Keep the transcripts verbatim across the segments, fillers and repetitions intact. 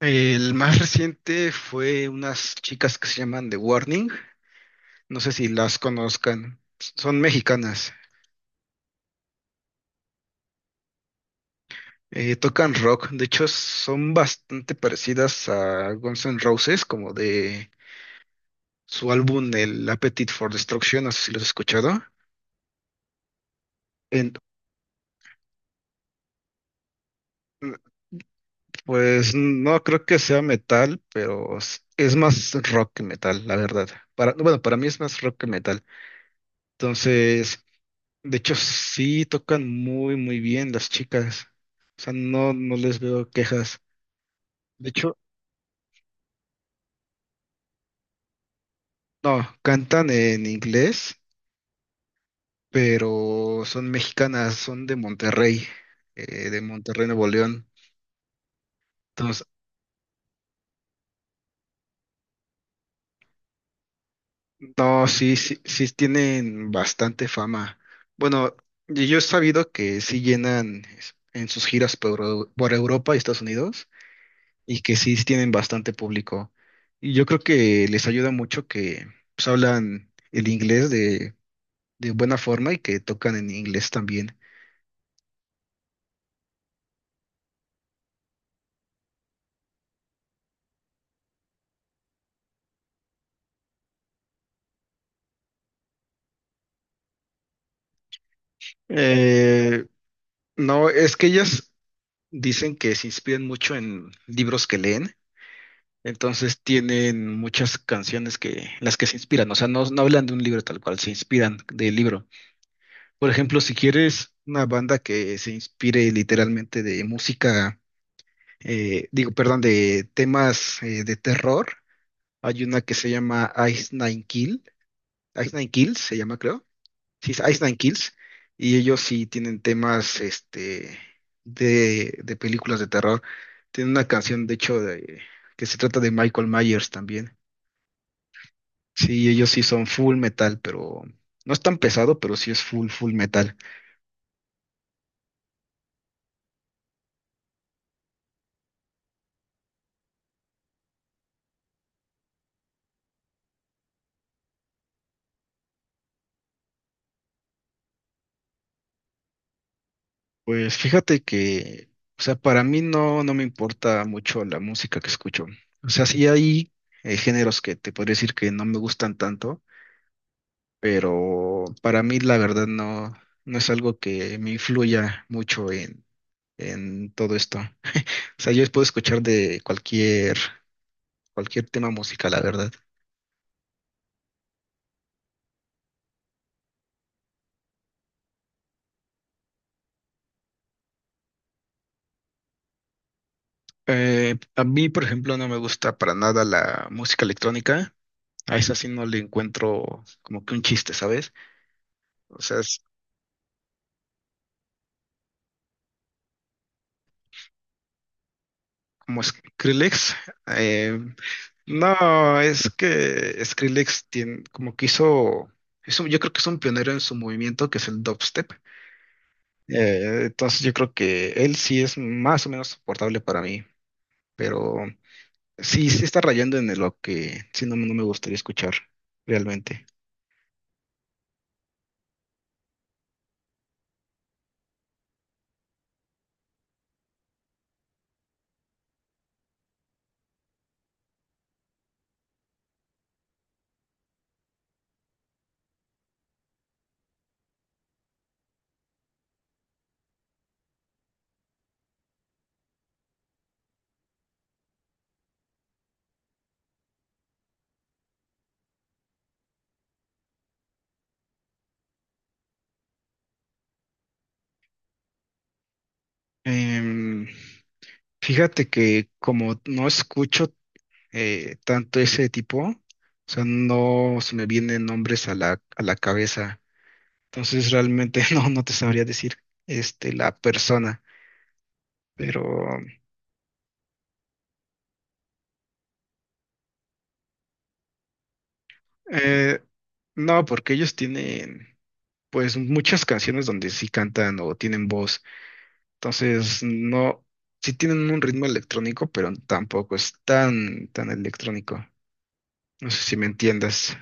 El más reciente fue unas chicas que se llaman The Warning. No sé si las conozcan. Son mexicanas. Eh, tocan rock. De hecho, son bastante parecidas a Guns N' Roses, como de su álbum El Appetite for Destruction. No sé si los has escuchado. En- pues no creo que sea metal, pero es es más rock que metal, la verdad. Para, bueno, para mí es más rock que metal. Entonces. De hecho, sí tocan muy, muy bien las chicas. O sea, no, no les veo quejas. De hecho, no, cantan en inglés, pero son mexicanas, son de Monterrey, eh, de Monterrey, Nuevo León. Entonces, no, sí, sí, sí tienen bastante fama. Bueno, y yo he sabido que sí llenan es- en sus giras por, Eu- por Europa y Estados Unidos. Y que sí tienen bastante público. Y yo creo que les ayuda mucho que pues, hablan el inglés de, de buena forma y que tocan en inglés también. Eh, no, es que ellas dicen que se inspiran mucho en libros que leen, entonces tienen muchas canciones que las que se inspiran, o sea, no, no hablan de un libro tal cual, se inspiran del libro. Por ejemplo, si quieres una banda que se inspire literalmente de música eh, digo, perdón, de temas eh, de terror. Hay una que se llama Ice Nine Kill, Ice Nine Kills se llama, creo. Sí, es Ice Nine Kills. Y ellos sí tienen temas este, de, de películas de terror. Tienen una canción, de hecho, de- que se trata de Michael Myers también. Sí, ellos sí son full metal, pero no es tan pesado, pero sí es full, full metal. Pues fíjate que, o sea, para mí no, no me importa mucho la música que escucho. O sea, sí hay eh, géneros que te podría decir que no me gustan tanto, pero para mí la verdad no, no es algo que me influya mucho en, en todo esto. O sea, yo puedo escuchar de cualquier, cualquier tema musical, la verdad. Eh, a mí, por ejemplo, no me gusta para nada la música electrónica. A esa sí no le encuentro como que un chiste, ¿sabes? O sea, como Skrillex. eh, no, es que Skrillex tiene, como que hizo, es un- yo creo que es un pionero en su movimiento que es el dubstep. Eh, entonces yo creo que él sí es más o menos soportable para mí, pero sí, sí está rayando en lo que sí no, no me gustaría escuchar realmente. Em, Fíjate que como no escucho eh, tanto ese tipo, o sea, no se me vienen nombres a la, a la cabeza. Entonces realmente no, no te sabría decir este, la persona, pero eh, no, porque ellos tienen pues muchas canciones donde sí cantan o tienen voz. Entonces no, sí tienen un ritmo electrónico, pero tampoco es tan, tan electrónico. No sé si me entiendas.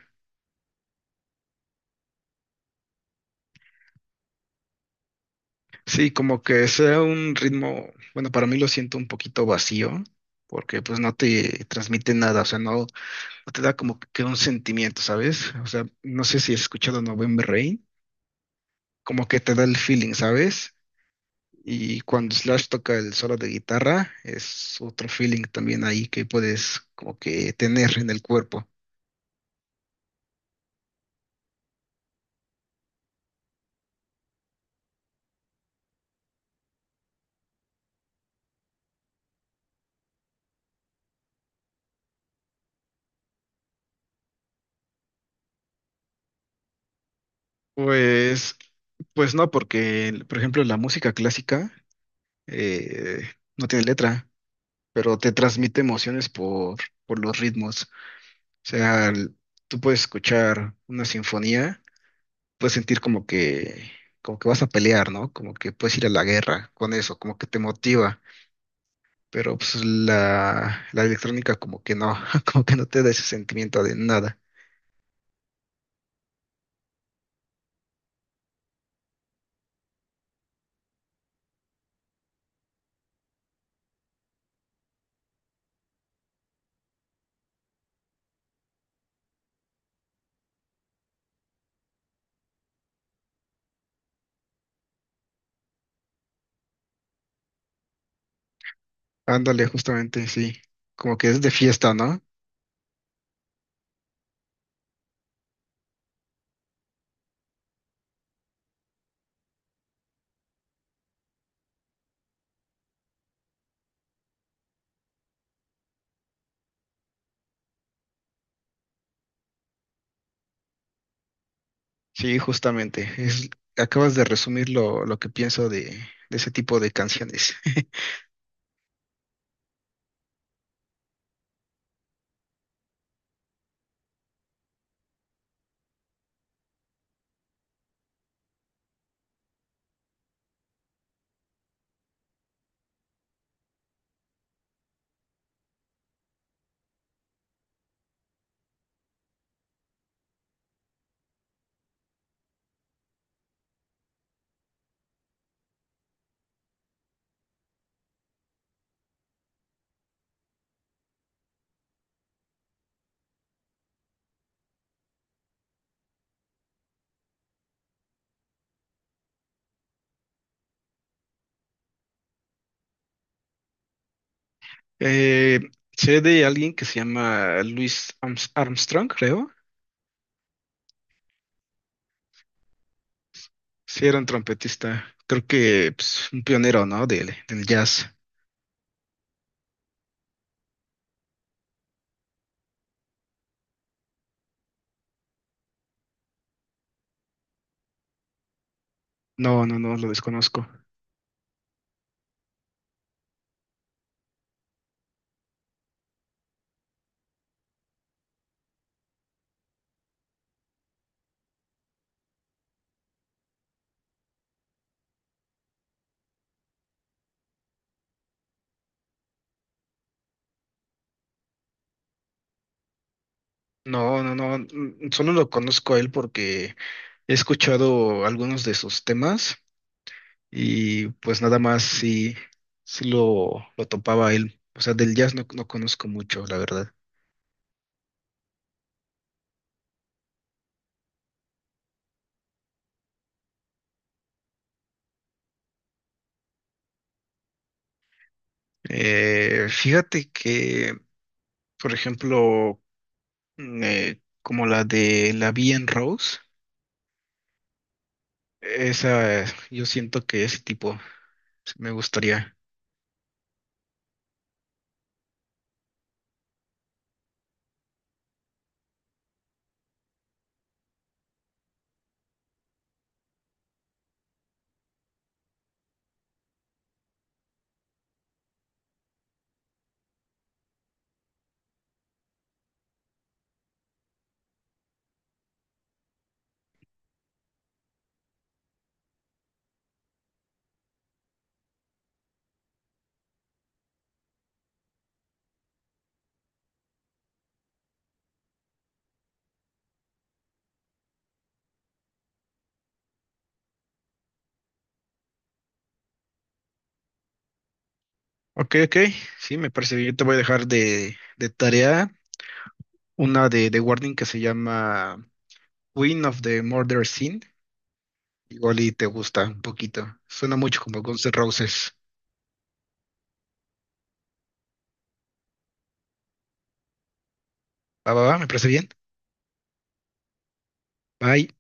Sí, como que sea un ritmo, bueno, para mí lo siento un poquito vacío, porque pues no te transmite nada, o sea, no. Te da como que un sentimiento, ¿sabes? O sea, no sé si has escuchado November Rain, como que te da el feeling, ¿sabes? Y cuando Slash toca el solo de guitarra, es otro feeling también ahí que puedes como que tener en el cuerpo. Pues, pues no, porque, el- por ejemplo, la música clásica eh, no tiene letra, pero te transmite emociones por, por los ritmos. O sea, el- tú puedes escuchar una sinfonía, puedes sentir como que, como que vas a pelear, ¿no? Como que puedes ir a la guerra con eso, como que te motiva. Pero pues la, la electrónica como que no, como que no te da ese sentimiento de nada. Ándale, justamente, sí. Como que es de fiesta, ¿no? Sí, justamente. Es, acabas de resumir lo, lo que pienso de, de ese tipo de canciones. Eh, Sé de alguien que se llama Louis Arms- Armstrong, creo. Sí, era un trompetista. Creo que pues, un pionero, ¿no? Del, del jazz. No, no, no, lo desconozco. No, no, no, mm, solo lo conozco a él porque he escuchado algunos de sus temas y pues nada más sí, sí lo, lo topaba a él. O sea, del jazz no, no conozco mucho, la verdad. Eh, fíjate que, por ejemplo, mm, eh, como la de La Vie en Rose, esa eh, yo siento que ese tipo sí me gustaría. Ok, ok, sí, me parece bien. Yo te voy a dejar de, de tarea una de The Warning que se llama Queen of the Murder Scene. Igual y te gusta un poquito. Suena mucho como Guns N' Roses. Va, va, va, me parece bien. Bye.